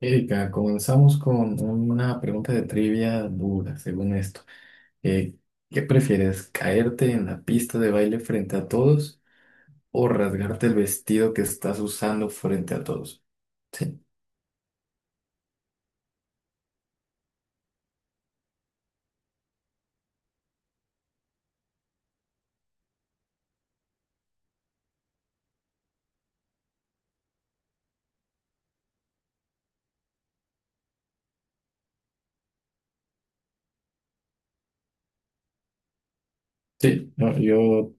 Erika, comenzamos con una pregunta de trivia dura, según esto. Eh, ¿Qué prefieres, caerte en la pista de baile frente a todos o rasgarte el vestido que estás usando frente a todos? Sí. Sí, no, yo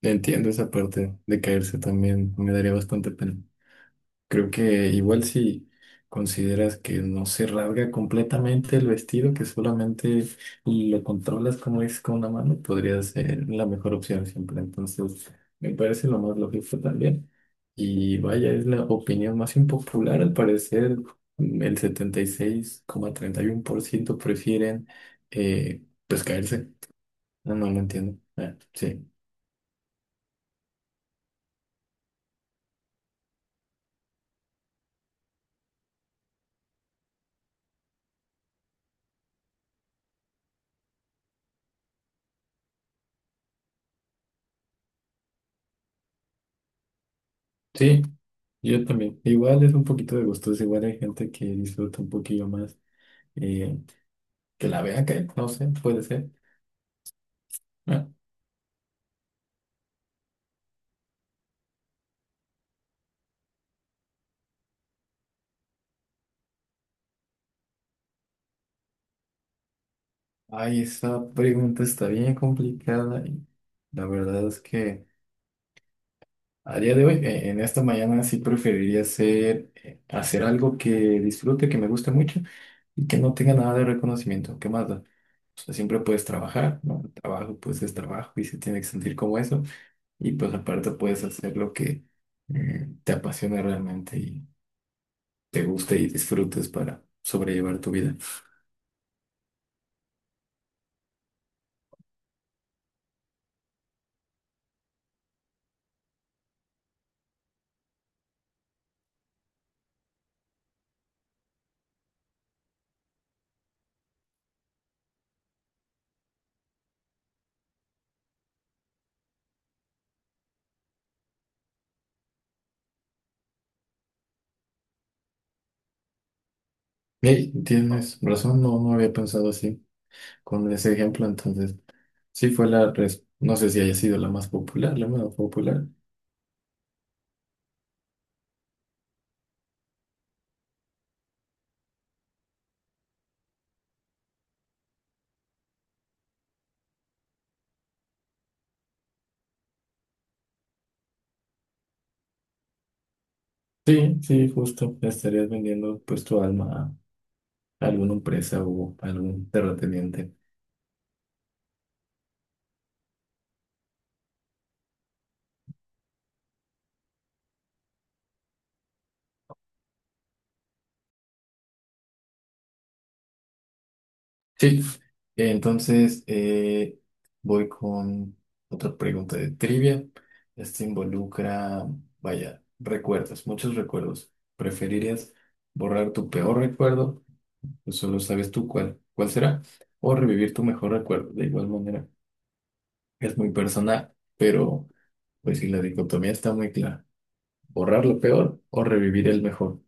entiendo esa parte de caerse también, me daría bastante pena. Creo que igual si consideras que no se rasga completamente el vestido, que solamente lo controlas como es con una mano, podría ser la mejor opción siempre. Entonces, me parece lo más lógico también. Y vaya, es la opinión más impopular. Al parecer, el setenta y seis coma treinta y uno por ciento prefieren pues caerse. No, no lo entiendo. Ah, sí, sí, yo también. Igual es un poquito de gustos. Igual hay gente que disfruta un poquillo más eh, que la vea que, no sé, puede ser. ¿No? Ay, esa pregunta está bien complicada y la verdad es que a día de hoy, en esta mañana sí preferiría hacer, hacer algo que disfrute, que me guste mucho y que no tenga nada de reconocimiento. ¿Qué más da? O sea, siempre puedes trabajar, ¿no? El trabajo pues es trabajo y se tiene que sentir como eso. Y pues aparte puedes hacer lo que te apasiona realmente y te guste y disfrutes para sobrellevar tu vida. Hey, tienes razón, no, no había pensado así con ese ejemplo, entonces sí fue la, no sé si haya sido la más popular, la más popular. Sí, sí, justo, estarías vendiendo pues tu alma a alguna empresa o a algún terrateniente. Sí, entonces voy con otra pregunta de trivia. Este involucra, vaya, recuerdos, muchos recuerdos. ¿Preferirías borrar tu peor recuerdo? Pues, solo sabes tú cuál, cuál será. O revivir tu mejor recuerdo. De igual manera, es muy personal, pero pues si la dicotomía está muy clara. Borrar lo peor o revivir el mejor.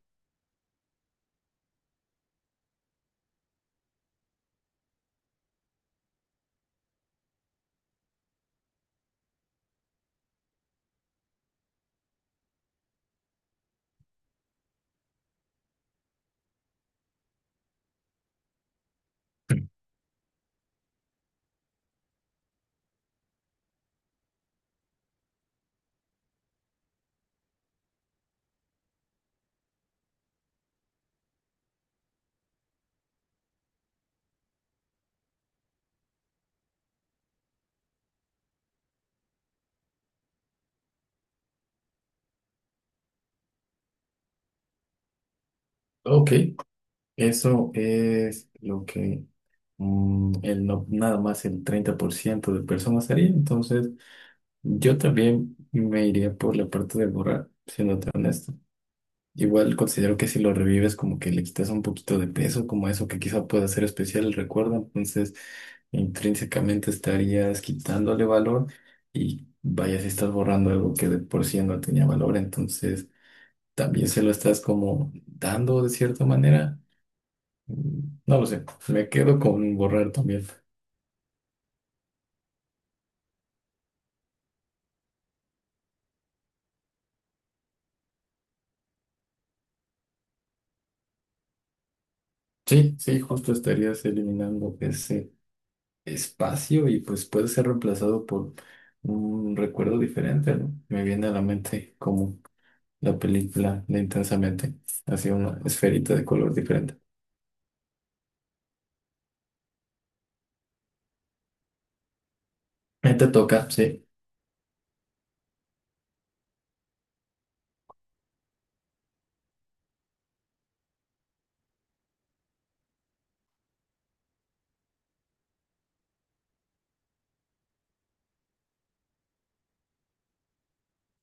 Ok, eso es lo que mm, el no- nada más el 30% de personas haría. Entonces, yo también me iría por la parte de borrar, siéndote honesto. Igual considero que si lo revives, como que le quitas un poquito de peso, como eso que quizá pueda ser especial el recuerdo, entonces intrínsecamente estarías quitándole valor y vaya si estás borrando algo que de por sí no tenía valor, entonces también se lo estás como dando de cierta manera. No lo sé, me quedo con borrar también. Sí, sí, justo estarías eliminando ese espacio y pues puede ser reemplazado por un recuerdo diferente, ¿no? Me viene a la mente como la película de Intensamente, así una esferita de color diferente. Te toca, sí.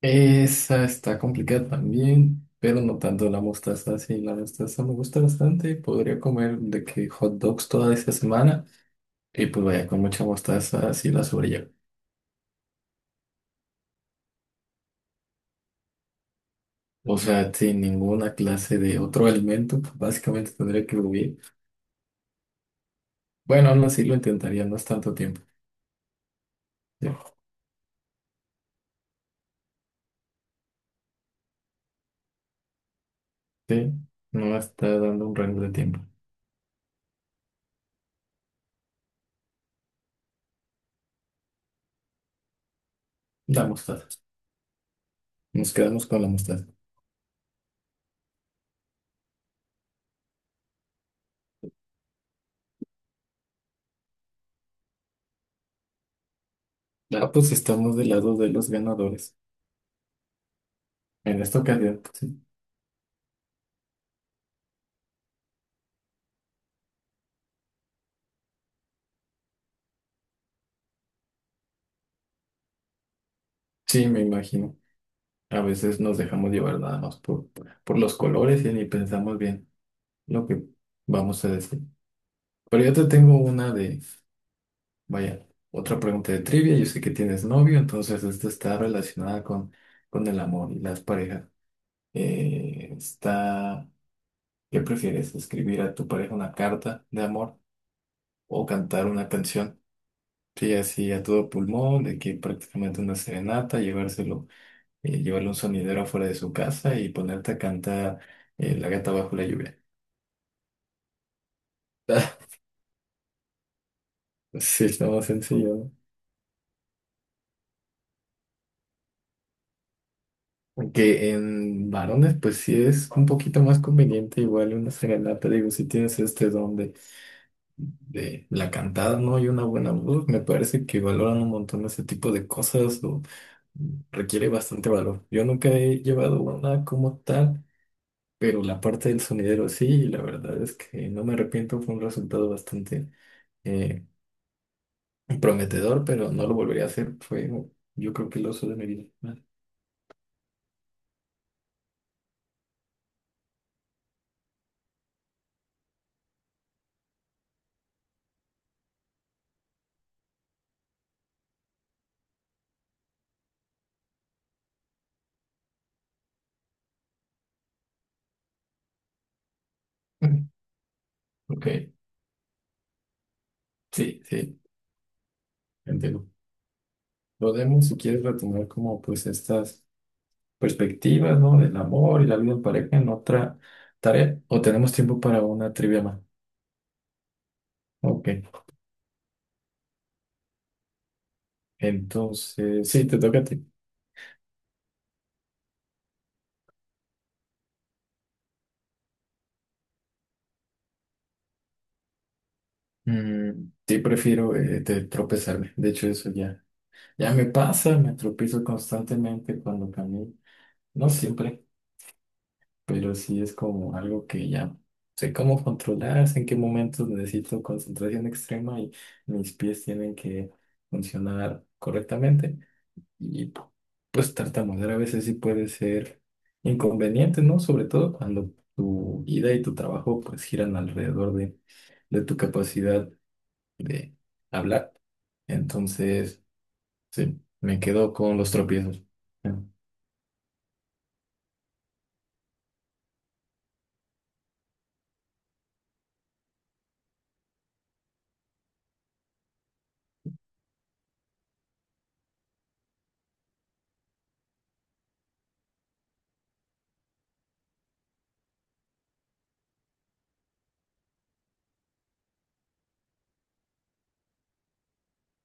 Esa está complicada también, pero no tanto la mostaza. Sí, la mostaza me gusta bastante. Podría comer de que hot dogs toda esta semana y pues vaya con mucha mostaza así la sobrellevo. O sea, sin ninguna clase de otro alimento, pues, básicamente tendría que huir. Bueno, aún así lo intentaría, no es tanto tiempo. Sí, sí, no está dando un rango de tiempo. La mostaza. Nos quedamos con la mostaza. Ah, pues estamos del lado de los ganadores. En esta ocasión, sí, sí, me imagino. A veces nos dejamos llevar nada más por los colores y ni pensamos bien lo que vamos a decir. Pero yo te tengo una de, vaya, otra pregunta de trivia. Yo sé que tienes novio, entonces esta está relacionada con el amor y las parejas. Está, ¿qué prefieres? ¿Escribir a tu pareja una carta de amor o cantar una canción? Sí, así a todo pulmón, de que prácticamente una serenata, llevárselo, llevarle un sonidero afuera de su casa y ponerte a cantar La gata bajo la lluvia. Sí, está más sencillo. ¿No? Aunque en varones, pues sí es un poquito más conveniente, igual una serenata, digo, si tienes este don de la cantada, ¿no? Y una buena voz, me parece que valoran un montón ese tipo de cosas o requiere bastante valor. Yo nunca he llevado una como tal. Pero la parte del sonidero sí, la verdad es que no me arrepiento, fue un resultado bastante eh, prometedor, pero no lo volvería a hacer, fue yo creo que el oso de mi vida. Mm, Ok, sí, sí, entiendo. Podemos, si quieres, retomar como pues estas perspectivas, ¿no? Del amor y la vida en pareja en otra tarea, o tenemos tiempo para una trivia más. Ok, entonces, sí, te toca a ti. Sí, prefiero tropezarme, de hecho eso ya. Ya me pasa, me tropiezo constantemente cuando camino. No siempre, pero sí es como algo que ya sé cómo controlar, sé en qué momentos necesito concentración extrema y mis pies tienen que funcionar correctamente. Y pues tartamudear a veces sí puede ser inconveniente, ¿no? Sobre todo cuando tu vida y tu trabajo pues giran alrededor de tu capacidad de hablar. Entonces... Sí, me quedo con los tropiezos. Ya,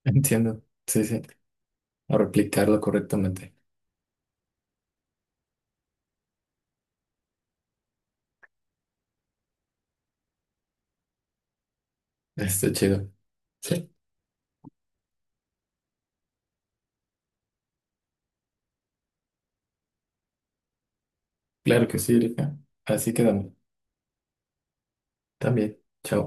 entiendo. Sí, sí. A replicarlo correctamente. Está chido. Sí, claro que sí, Erika. Así quedamos. También. Chao.